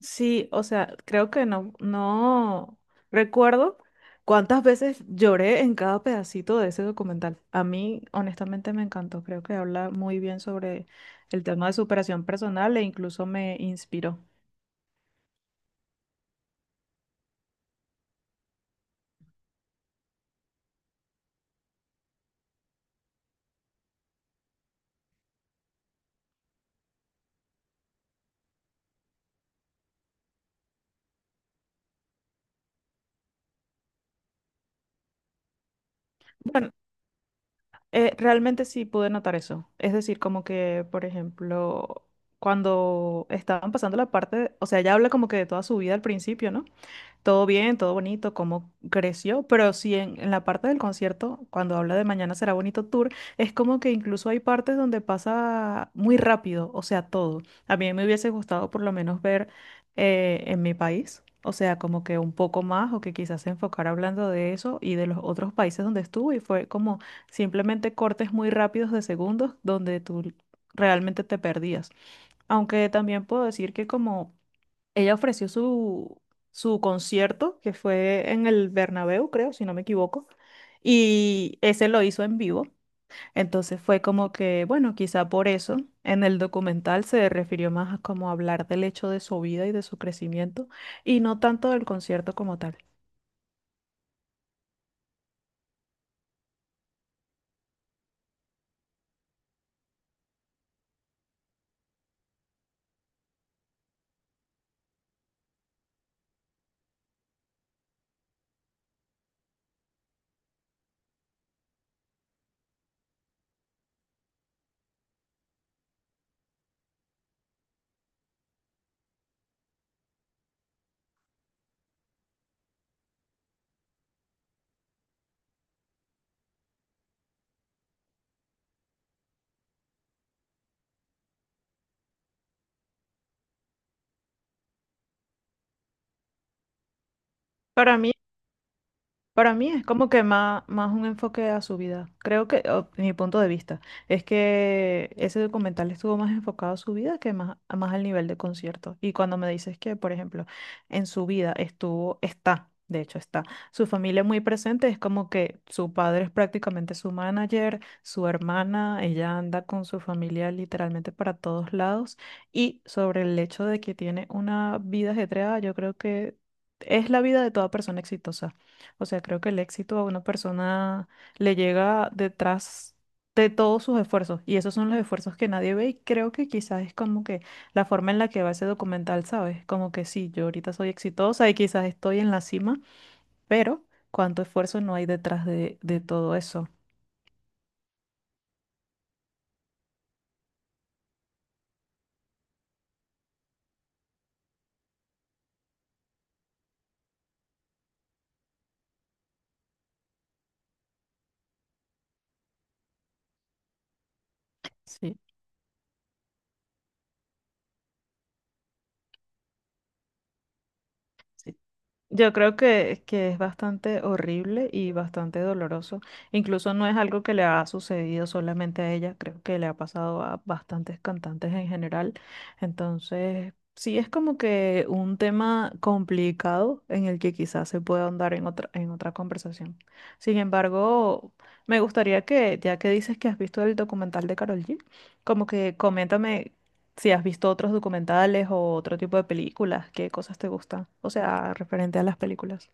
Sí, o sea, creo que no recuerdo cuántas veces lloré en cada pedacito de ese documental. A mí, honestamente, me encantó. Creo que habla muy bien sobre el tema de superación personal e incluso me inspiró. Bueno, realmente sí pude notar eso. Es decir, como que, por ejemplo, cuando estaban pasando la parte, o sea, ella habla como que de toda su vida al principio, ¿no? Todo bien, todo bonito, cómo creció, pero sí en la parte del concierto, cuando habla de Mañana Será Bonito Tour, es como que incluso hay partes donde pasa muy rápido, o sea, todo. A mí me hubiese gustado por lo menos ver en mi país, o sea, como que un poco más o que quizás se enfocara hablando de eso y de los otros países donde estuvo y fue como simplemente cortes muy rápidos de segundos donde tú realmente te perdías. Aunque también puedo decir que como... ella ofreció su concierto, que fue en el Bernabéu, creo, si no me equivoco, y ese lo hizo en vivo. Entonces fue como que, bueno, quizá por eso en el documental se refirió más a como hablar del hecho de su vida y de su crecimiento, y no tanto del concierto como tal. Para mí Para mí es como que más un enfoque a su vida. Creo que, o mi punto de vista, es que ese documental estuvo más enfocado a su vida que más al nivel de concierto. Y cuando me dices que, por ejemplo, en su vida estuvo, está, de hecho está, su familia muy presente, es como que su padre es prácticamente su manager, su hermana, ella anda con su familia literalmente para todos lados. Y sobre el hecho de que tiene una vida ajetreada, yo creo que... es la vida de toda persona exitosa. O sea, creo que el éxito a una persona le llega detrás de todos sus esfuerzos y esos son los esfuerzos que nadie ve y creo que quizás es como que la forma en la que va ese documental, ¿sabes? Como que sí, yo ahorita soy exitosa y quizás estoy en la cima, pero cuánto esfuerzo no hay detrás de todo eso. Sí. Sí. Yo creo que es bastante horrible y bastante doloroso. Incluso no es algo que le ha sucedido solamente a ella, creo que le ha pasado a bastantes cantantes en general. Entonces, sí es como que un tema complicado en el que quizás se pueda ahondar en otra conversación. Sin embargo, me gustaría que, ya que dices que has visto el documental de Karol G, como que coméntame si has visto otros documentales o otro tipo de películas, ¿qué cosas te gustan? O sea, referente a las películas.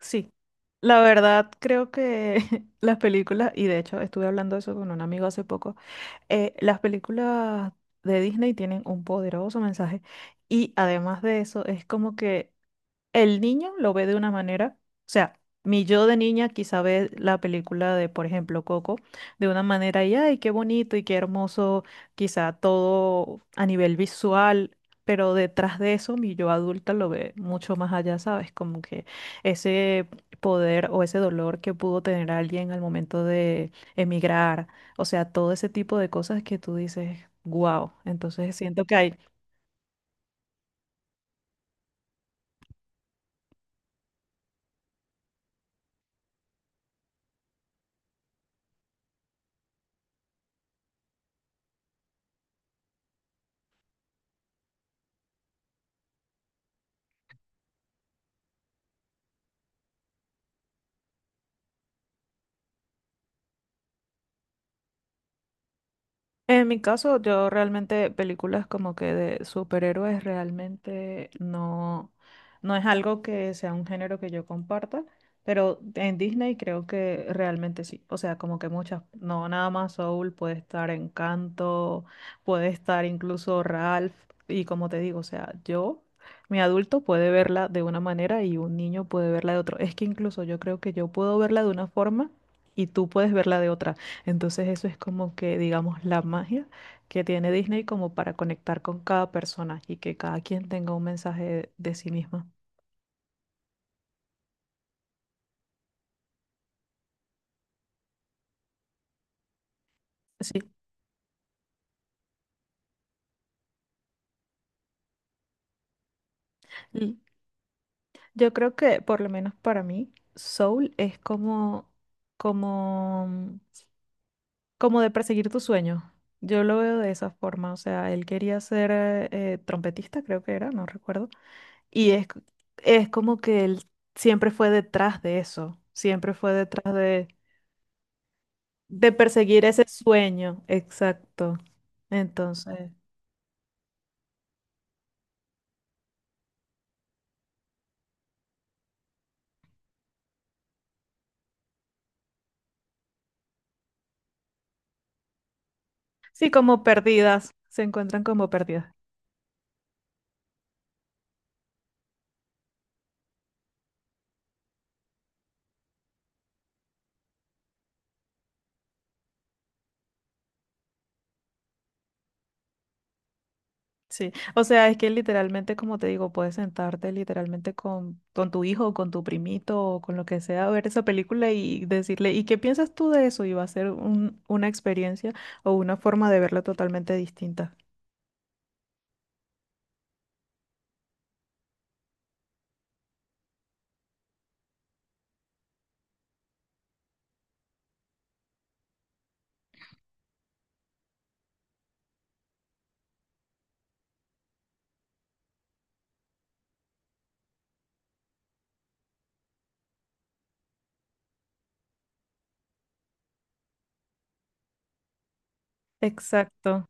Sí, la verdad creo que las películas, y de hecho estuve hablando de eso con un amigo hace poco, las películas de Disney tienen un poderoso mensaje y además de eso es como que el niño lo ve de una manera, o sea, mi yo de niña quizá ve la película de, por ejemplo, Coco, de una manera y, ay, qué bonito y qué hermoso, quizá todo a nivel visual, pero detrás de eso mi yo adulta lo ve mucho más allá, ¿sabes? Como que ese poder o ese dolor que pudo tener alguien al momento de emigrar, o sea, todo ese tipo de cosas que tú dices, wow, entonces siento que hay... En mi caso, yo realmente películas como que de superhéroes realmente no, no es algo que sea un género que yo comparta, pero en Disney creo que realmente sí. O sea, como que muchas, no nada más Soul, puede estar Encanto, puede estar incluso Ralph, y como te digo, o sea, yo, mi adulto puede verla de una manera y un niño puede verla de otro. Es que incluso yo creo que yo puedo verla de una forma y tú puedes verla de otra. Entonces eso es como que, digamos, la magia que tiene Disney como para conectar con cada persona y que cada quien tenga un mensaje de sí misma. Sí, y yo creo que por lo menos para mí, Soul es como, como de perseguir tu sueño. Yo lo veo de esa forma, o sea, él quería ser trompetista, creo que era, no recuerdo, y es como que él siempre fue detrás de eso, siempre fue detrás de... de perseguir ese sueño, exacto. Entonces, sí, como perdidas, se encuentran como perdidas. Sí, o sea, es que literalmente, como te digo, puedes sentarte literalmente con tu hijo, con tu primito o con lo que sea, a ver esa película y decirle, ¿y qué piensas tú de eso? Y va a ser un- una experiencia o una forma de verla totalmente distinta. Exacto.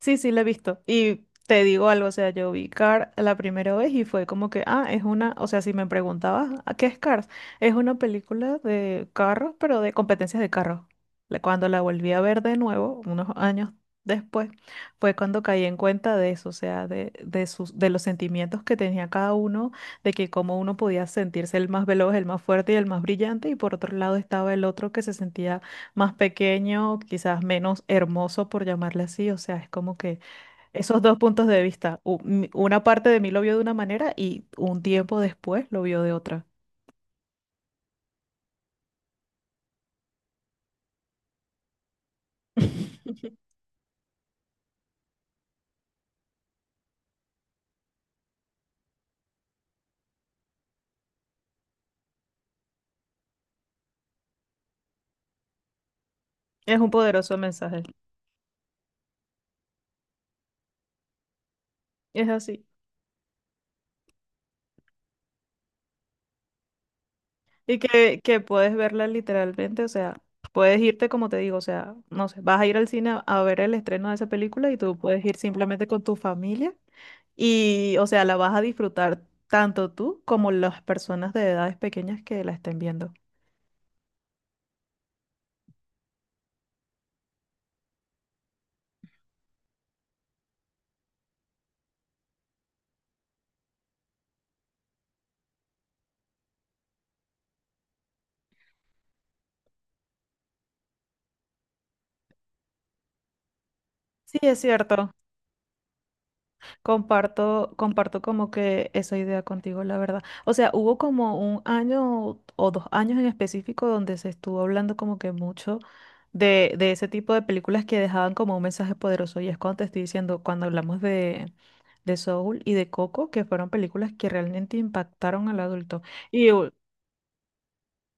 Sí, sí, la he visto. Y te digo algo, o sea, yo vi Cars la primera vez y fue como que, ah, es una, o sea, si me preguntabas, ¿a ¿qué es Cars? Es una película de carros, pero de competencias de carros. La- cuando la volví a ver de nuevo, unos años después, fue cuando caí en cuenta de eso, o sea, de sus, de los sentimientos que tenía cada uno, de que cómo uno podía sentirse el más veloz, el más fuerte y el más brillante, y por otro lado estaba el otro que se sentía más pequeño, quizás menos hermoso, por llamarle así. O sea, es como que esos dos puntos de vista, u- mi- una parte de mí lo vio de una manera y un tiempo después lo vio de otra. Es un poderoso mensaje, es así. Y que puedes verla literalmente, o sea, puedes irte como te digo, o sea, no sé, vas a ir al cine a ver el estreno de esa película y tú puedes ir simplemente con tu familia y, o sea, la vas a disfrutar tanto tú como las personas de edades pequeñas que la estén viendo. Sí, es cierto. Comparto como que esa idea contigo, la verdad. O sea, hubo como un año o dos años en específico donde se estuvo hablando como que mucho de ese tipo de películas que dejaban como un mensaje poderoso. Y es cuando te estoy diciendo, cuando hablamos de Soul y de Coco, que fueron películas que realmente impactaron al adulto. Y,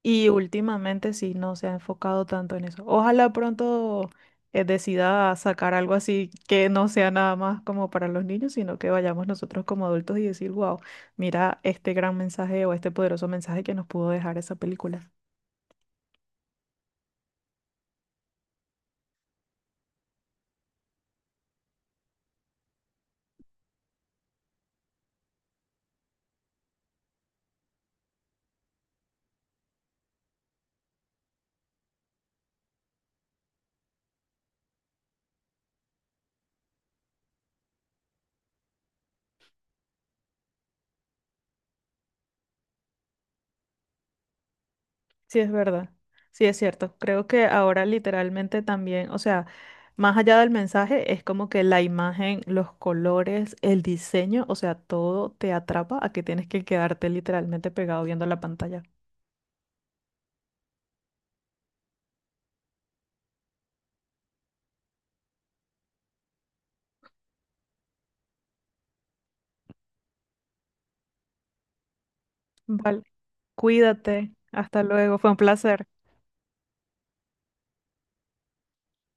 y últimamente sí, no se ha enfocado tanto en eso. Ojalá pronto decida sacar algo así que no sea nada más como para los niños, sino que vayamos nosotros como adultos y decir, wow, mira este gran mensaje o este poderoso mensaje que nos pudo dejar esa película. Sí, es verdad. Sí, es cierto. Creo que ahora literalmente también, o sea, más allá del mensaje, es como que la imagen, los colores, el diseño, o sea, todo te atrapa a que tienes que quedarte literalmente pegado viendo la pantalla. Vale. Cuídate. Hasta luego. Fue un placer.